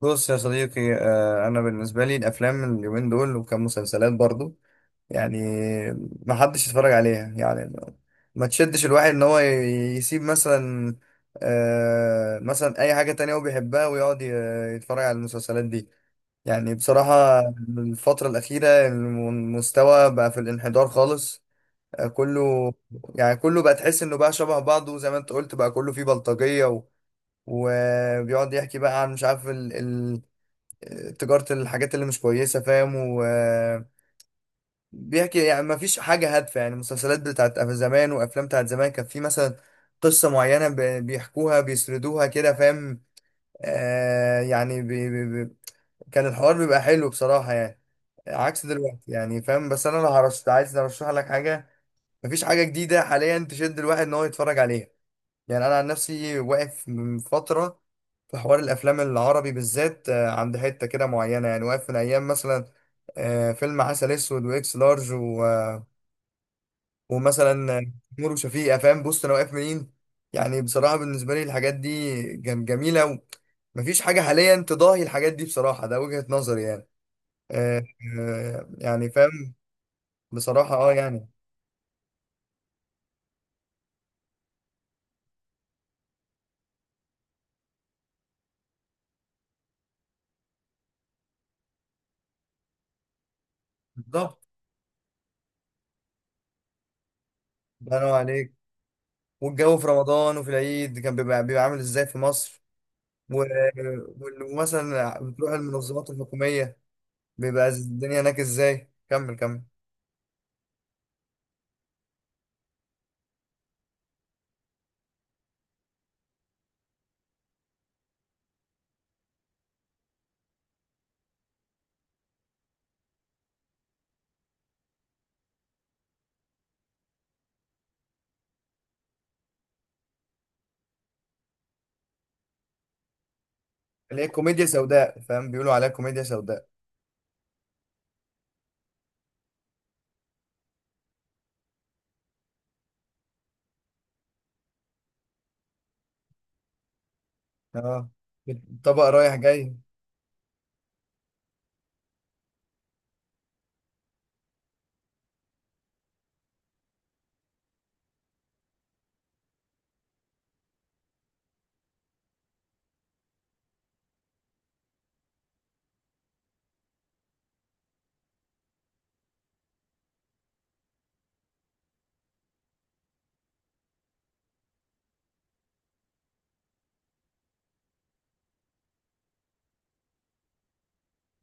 بص يا صديقي آه، انا بالنسبه لي الافلام اليومين دول وكم مسلسلات برضو يعني ما حدش يتفرج عليها. ما تشدش الواحد ان هو يسيب مثلا آه، مثلا اي حاجه تانية هو بيحبها ويقعد يتفرج على المسلسلات دي، يعني بصراحه. الفتره الاخيره المستوى بقى في الانحدار خالص آه، كله. يعني كله بقى تحس انه بقى شبه بعضه زي ما انت قلت، بقى كله فيه بلطجيه وبيقعد يحكي بقى عن مش عارف تجارة الحاجات اللي مش كويسة، فاهم؟ وبيحكي، يعني ما فيش حاجة هادفة. يعني مسلسلات بتاعت زمان وأفلام بتاعت زمان كان في مثلا قصة معينة بيحكوها، بيسردوها كده، فاهم؟ آه، يعني بي بي بي كان الحوار بيبقى حلو بصراحة، يعني عكس دلوقتي، يعني فاهم؟ بس أنا لو هرشت عايز أرشح لك حاجة، مفيش حاجة جديدة حاليا تشد الواحد إن هو يتفرج عليها. يعني انا عن نفسي واقف من فتره في حوار الافلام العربي بالذات آه، عند حته كده معينه. يعني واقف من ايام مثلا آه، فيلم عسل اسود واكس لارج ومثلا آه، نور وشفيقة، فاهم؟ بص انا واقف منين. يعني بصراحه بالنسبه لي الحاجات دي جميله، ومفيش حاجه حاليا تضاهي الحاجات دي بصراحه. ده وجهه نظري يعني. آه، آه، يعني فاهم؟ بصراحه اه يعني. بالظبط، الله ينور عليك. والجو في رمضان وفي العيد كان بيبقى عامل ازاي في مصر، و- ومثلا بتروح المنظمات الحكومية، بيبقى الدنيا هناك ازاي؟ كمل كمل. اللي هي كوميديا سوداء، فاهم؟ بيقولوا عليها كوميديا سوداء. اه، طبق رايح جاي.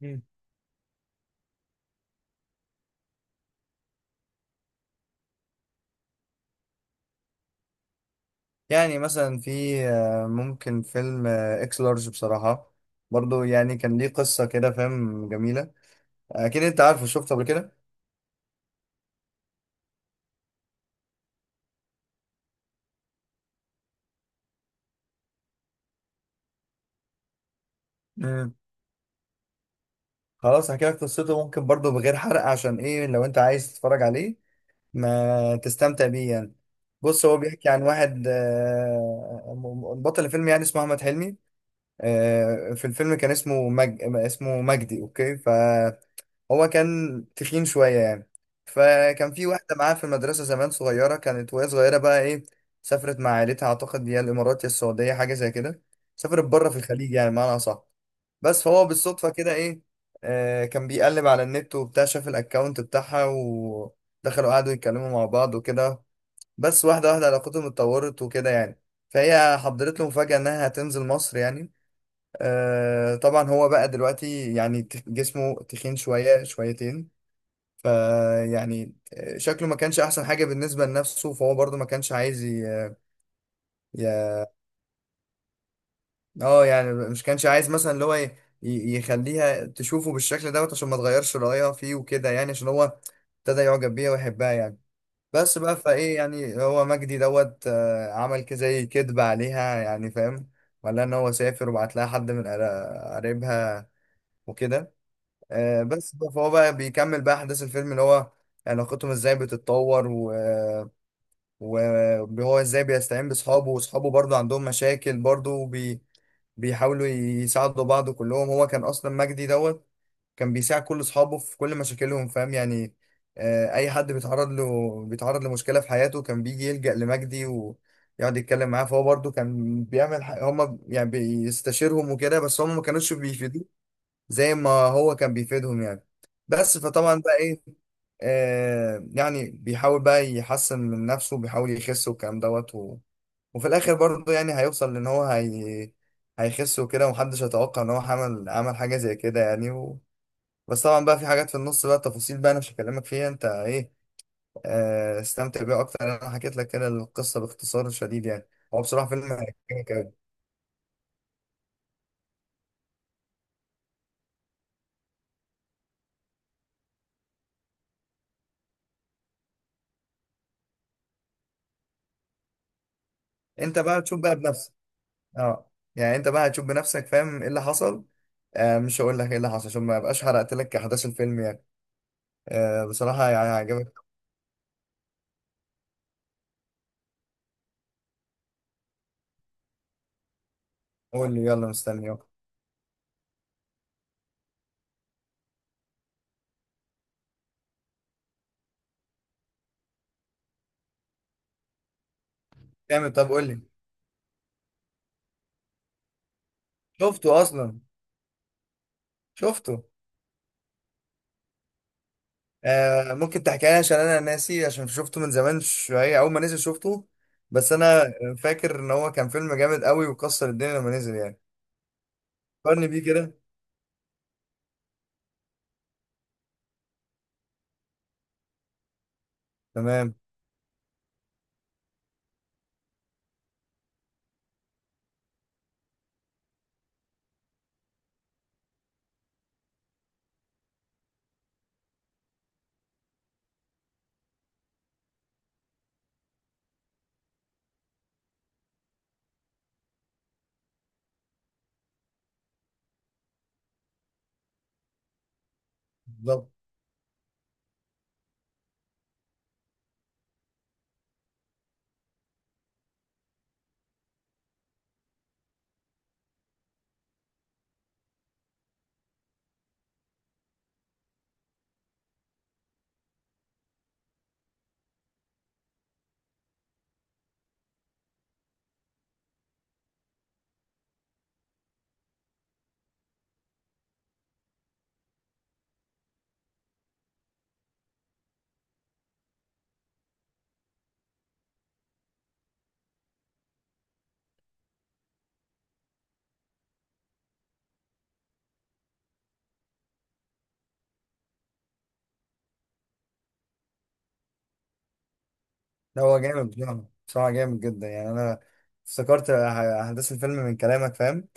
مم. يعني مثلا في آه، ممكن فيلم آه، اكس لارج بصراحة برضو، يعني كان ليه قصة كده، فاهم؟ جميلة. اكيد انت عارفه، شفته قبل كده. مم. خلاص، هحكي لك قصته ممكن برضو بغير حرق، عشان ايه؟ لو انت عايز تتفرج عليه ما تستمتع بيه يعني. بص، هو بيحكي عن واحد آه، بطل الفيلم يعني اسمه احمد حلمي. آه، في الفيلم كان اسمه اسمه مجدي، اوكي. فهو كان تخين شوية يعني. فكان في واحدة معاه في المدرسة زمان صغيرة، كانت وهي صغيرة بقى ايه، سافرت مع عيلتها، اعتقد يا الامارات يا السعودية حاجة زي كده. سافرت بره في الخليج، يعني معنى صح؟ بس فهو بالصدفة كده ايه، آه، كان بيقلب على النت وبتاع، شاف الاكونت بتاعها ودخلوا قعدوا يتكلموا مع بعض وكده. بس واحدة واحدة علاقتهم اتطورت وكده يعني. فهي حضرت له مفاجأة انها هتنزل مصر يعني. آه طبعا هو بقى دلوقتي يعني جسمه تخين شوية شويتين، فيعني شكله ما كانش احسن حاجة بالنسبة لنفسه. فهو برضو ما كانش عايز ي... اه يعني مش كانش عايز مثلا اللي هو يخليها تشوفه بالشكل دوت عشان ما تغيرش رأيها فيه وكده يعني، عشان هو ابتدى يعجب بيها ويحبها يعني. بس بقى فايه يعني، هو مجدي دوت آه، عمل كده زي كدب عليها يعني، فاهم؟ ولا ان هو سافر وبعت لها حد من قرايبها وكده. آه، فهو بقى بيكمل بقى احداث الفيلم، اللي هو علاقتهم ازاي بتتطور، وهو ازاي بيستعين باصحابه، واصحابه برضه عندهم مشاكل برضه، بيحاولوا يساعدوا بعض كلهم. هو كان اصلا مجدي دوت كان بيساعد كل اصحابه في كل مشاكلهم، فاهم يعني؟ آه، اي حد بيتعرض له، بيتعرض لمشكله في حياته، كان بيجي يلجأ لمجدي ويقعد يتكلم معاه. فهو برضه كان بيعمل هم يعني بيستشيرهم وكده، بس هم ما كانوش بيفيدوه زي ما هو كان بيفيدهم يعني. بس فطبعا بقى ايه، آه يعني بيحاول بقى يحسن من نفسه، بيحاول يخس والكلام دوت وفي الاخر برضه يعني هيوصل لان هو هيخس وكده، ومحدش يتوقع ان هو عمل عمل حاجه زي كده يعني بس طبعا بقى في حاجات في النص بقى تفاصيل بقى انا مش هكلمك فيها، انت ايه آه استمتع بيها اكتر. انا حكيت لك كده القصه باختصار شديد يعني. هو بصراحه فيلم هيعجبك أوي. انت بقى تشوف بقى بنفسك. اه يعني انت بقى هتشوف بنفسك فاهم ايه اللي حصل. آه مش هقول لك ايه اللي حصل عشان ما ابقاش حرقت لك احداث الفيلم يعني. آه بصراحه يعني هيعجبك. قول لي يلا، مستني اهو. جامد، طب قول لي. شفته اصلا، شفته. آه ممكن تحكي لي، عشان انا ناسي، عشان شفته من زمان شويه اول ما نزل شفته. بس انا فاكر ان هو كان فيلم جامد قوي وكسر الدنيا لما نزل يعني. فكرني بيه كده. تمام، بالظبط. لا هو جامد بصراحة، بصراحة جامد جدا. يعني أنا افتكرت أحداث الفيلم من كلامك، فاهم؟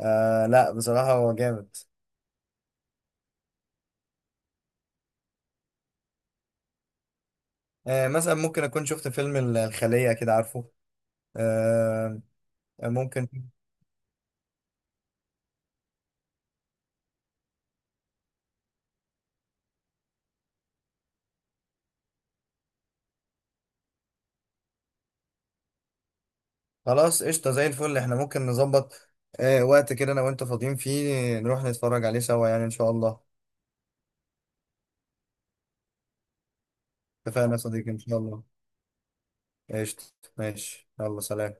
آه لا بصراحة هو جامد. آه مثلا ممكن أكون شفت فيلم الخلية كده، عارفه؟ آه ممكن. خلاص قشطة زي الفل، إحنا ممكن نظبط آه وقت كده أنا وأنت فاضيين فيه، نروح نتفرج عليه سوا يعني إن شاء الله. اتفقنا يا صديقي، إن شاء الله. قشطة، ماشي يلا سلام.